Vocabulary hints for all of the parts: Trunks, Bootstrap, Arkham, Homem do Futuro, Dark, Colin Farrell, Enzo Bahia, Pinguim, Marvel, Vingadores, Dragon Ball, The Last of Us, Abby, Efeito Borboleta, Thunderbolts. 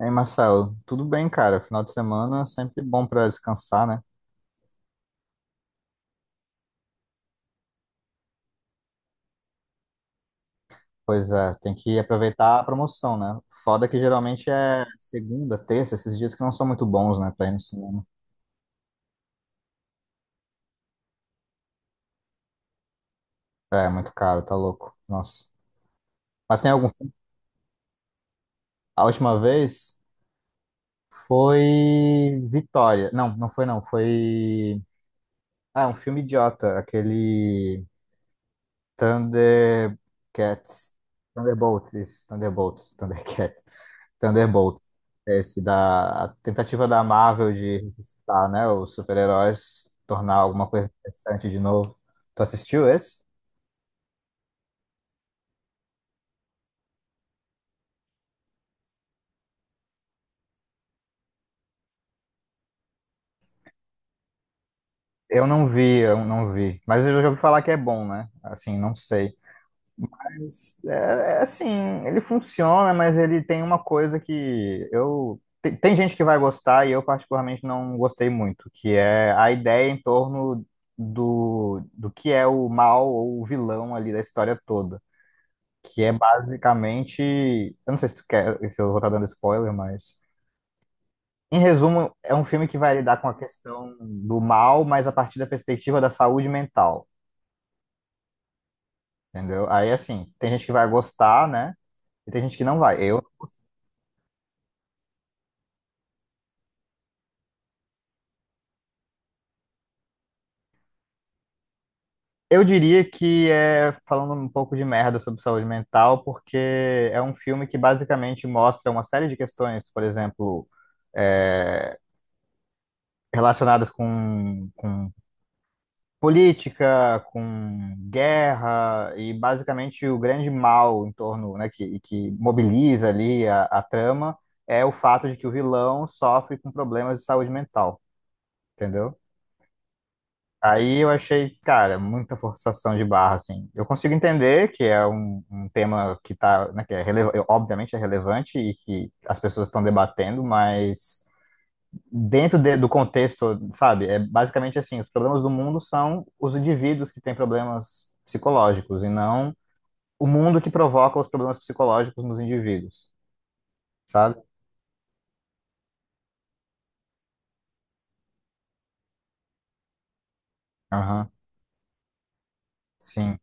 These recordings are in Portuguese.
Ei, Marcelo, tudo bem, cara? Final de semana é sempre bom pra descansar, né? Pois é, tem que aproveitar a promoção, né? Foda que geralmente é segunda, terça, esses dias que não são muito bons, né, pra ir no cinema. É, é muito caro, tá louco. Nossa. Mas tem algum filme? A última vez foi Vitória. Não, não foi não, foi ah, um filme idiota, aquele Thundercats. Thunderbolts, isso, Thunderbolts, Thundercats. Thunderbolts, esse da a tentativa da Marvel de ressuscitar, né, os super-heróis, tornar alguma coisa interessante de novo. Tu assistiu esse? Eu não vi, eu não vi. Mas eu já ouvi falar que é bom, né? Assim, não sei. Mas, é assim, ele funciona, mas ele tem uma coisa que eu. Tem gente que vai gostar e eu, particularmente, não gostei muito, que é a ideia em torno do que é o mal ou o vilão ali da história toda. que é basicamente, eu não sei se tu quer, se eu vou estar dando spoiler, mas em resumo, é um filme que vai lidar com a questão do mal, mas a partir da perspectiva da saúde mental, entendeu? Aí assim, tem gente que vai gostar, né? E tem gente que não vai. Eu diria que é falando um pouco de merda sobre saúde mental, porque é um filme que basicamente mostra uma série de questões, por exemplo, é, relacionadas com política, com guerra e basicamente o grande mal em torno, né, que mobiliza ali a trama é o fato de que o vilão sofre com problemas de saúde mental, entendeu? Aí eu achei, cara, muita forçação de barra, assim. Eu consigo entender que é um tema que tá, né, obviamente é relevante e que as pessoas estão debatendo, mas dentro do contexto, sabe? É basicamente assim, os problemas do mundo são os indivíduos que têm problemas psicológicos e não o mundo que provoca os problemas psicológicos nos indivíduos, sabe? Aham. Sim,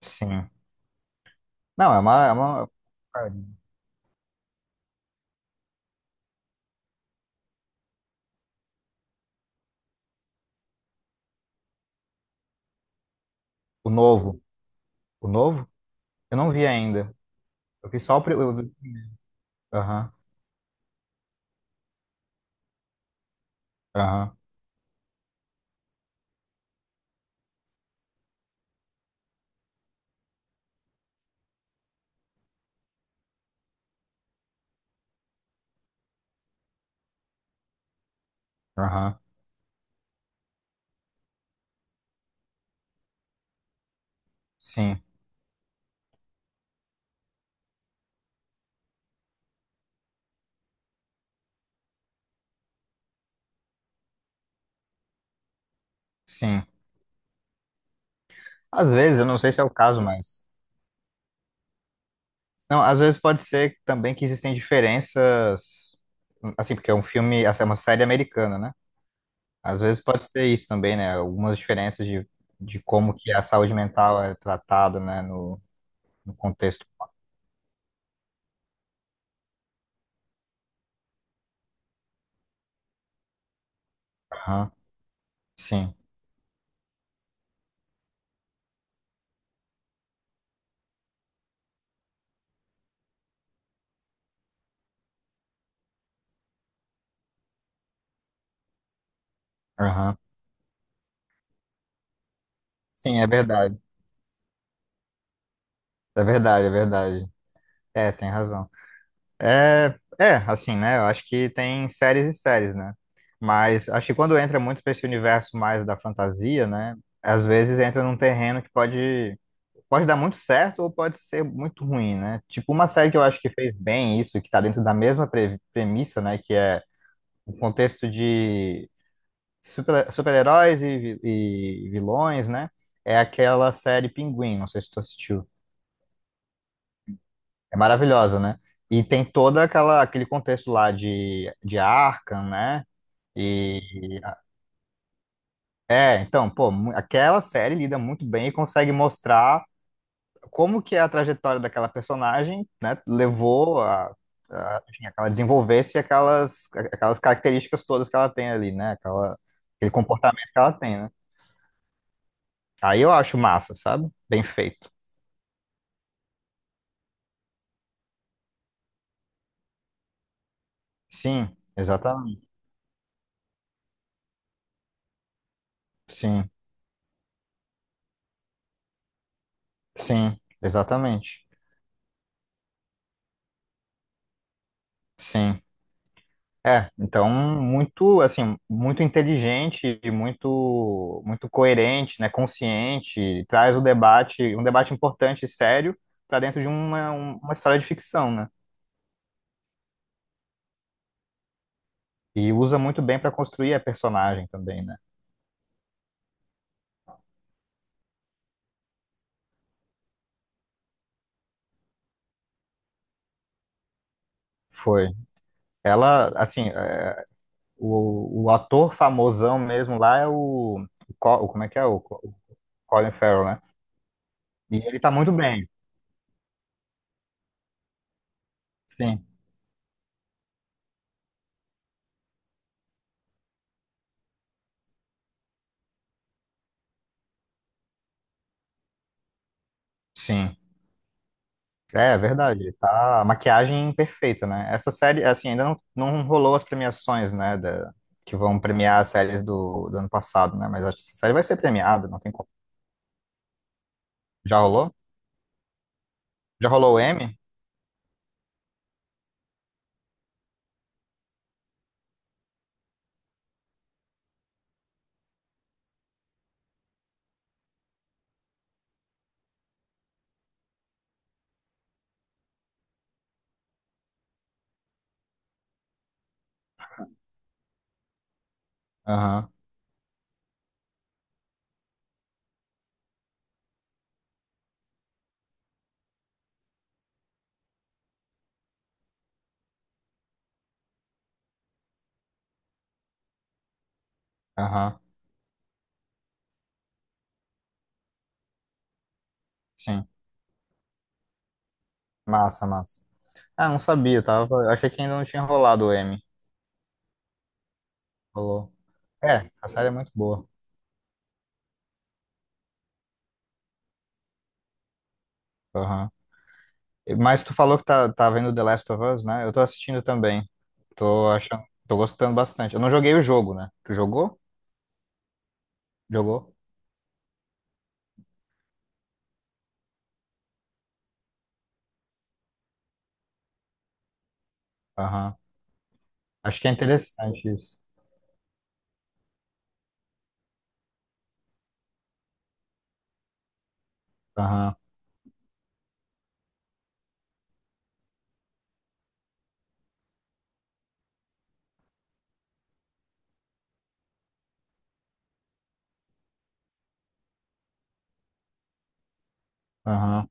sim. Não, é uma... O novo. O novo? Eu não vi ainda. Eu vi só o... Aham, aham, aham. Sim, sim. Às vezes, eu não sei se é o caso, mas... Não, às vezes pode ser também que existem diferenças, assim, porque é um filme, essa é uma série americana, né? Às vezes pode ser isso também, né? Algumas diferenças de, como que a saúde mental é tratada, né? No, no contexto. Aham, sim, aham. Sim, é verdade. É verdade, é verdade. É, tem razão. É, assim, né? Eu acho que tem séries e séries, né? Mas acho que quando entra muito para esse universo mais da fantasia, né? Às vezes entra num terreno que pode dar muito certo ou pode ser muito ruim, né? Tipo, uma série que eu acho que fez bem isso, que tá dentro da mesma premissa, né? Que é o contexto de super-heróis e, e vilões, né? É aquela série Pinguim, não sei se tu assistiu. É maravilhosa, né? E tem toda aquela aquele contexto lá de Arkham, né? E então, pô, aquela série lida muito bem e consegue mostrar como que é a trajetória daquela personagem, né, levou a, enfim, a que ela desenvolvesse aquelas características todas que ela tem ali, né? Aquele comportamento que ela tem, né? Aí eu acho massa, sabe? Bem feito. Sim, exatamente. Sim, sim, exatamente. Sim. É, então muito assim, muito inteligente e muito coerente, né, consciente, traz o debate, um debate importante e sério para dentro de uma história de ficção, né? E usa muito bem para construir a personagem também, né? Foi. Ela, assim, é, o ator famosão mesmo lá é o. Como é que é? O Colin Farrell, né? E ele tá muito bem. Sim, sim. É, é verdade. Ele tá a maquiagem perfeita, né? Essa série, assim, ainda não, não rolou as premiações, né? Que vão premiar as séries do ano passado, né? Mas acho que essa série vai ser premiada, não tem como. Já rolou? Já rolou o M? Aham, aham. Sim. Massa, massa. Ah, não sabia, tava. Eu achei que ainda não tinha rolado o M. Rolou. É, a série é muito boa. Aham. Mas tu falou que tá vendo The Last of Us, né? Eu tô assistindo também. Tô achando, tô gostando bastante. Eu não joguei o jogo, né? Tu jogou? Jogou? Aham. Acho que é interessante isso. Aham. Aham.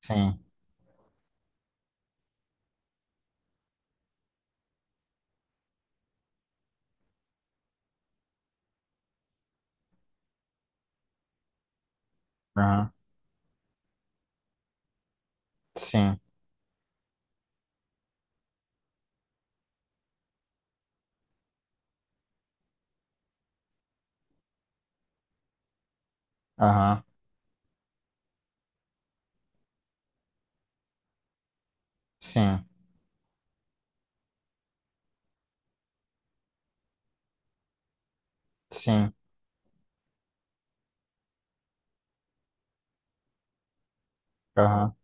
Sim. Aham. Sim. Aham. Sim. Sim. Aham.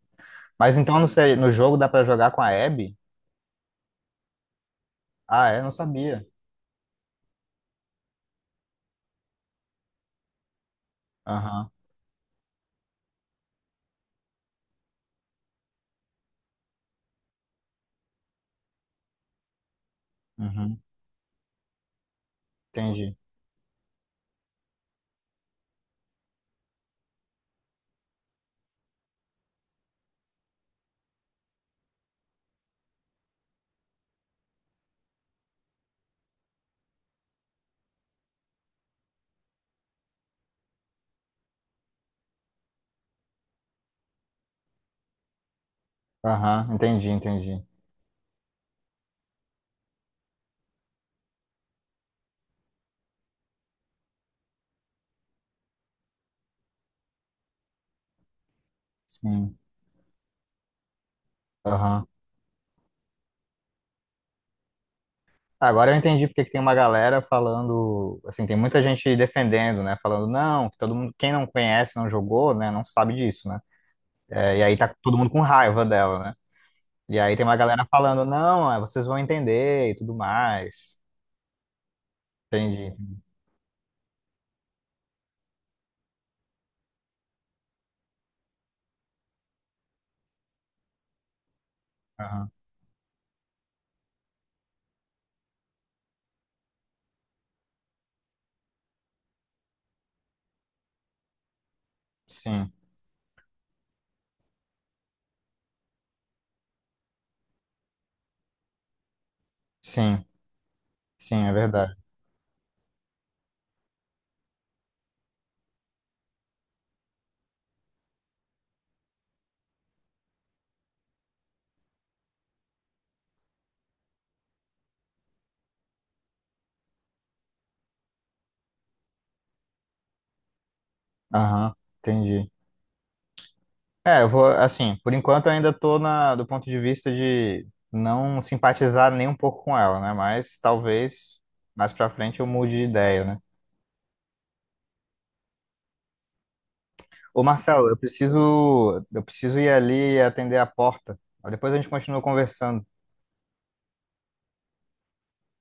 Mas então, não sei, no jogo dá pra jogar com a Abby? Ah, é? Não sabia. Aham. Uhum. Entendi. Aham. Entendi, entendi. Sim. Aham. Agora eu entendi porque que tem uma galera falando, assim, tem muita gente defendendo, né? Falando, não, que todo mundo, quem não conhece, não jogou, né? Não sabe disso, né? É, e aí tá todo mundo com raiva dela, né? E aí tem uma galera falando, não, é, vocês vão entender e tudo mais. Entendi. Aham. Sim, sim, sim, é verdade. Aham, entendi. É, eu vou, assim, por enquanto eu ainda tô na, do ponto de vista de não simpatizar nem um pouco com ela, né? Mas talvez mais pra frente eu mude de ideia, né? Ô Marcelo, eu preciso ir ali e atender a porta. Depois a gente continua conversando,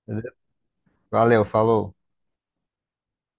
beleza? Valeu, falou.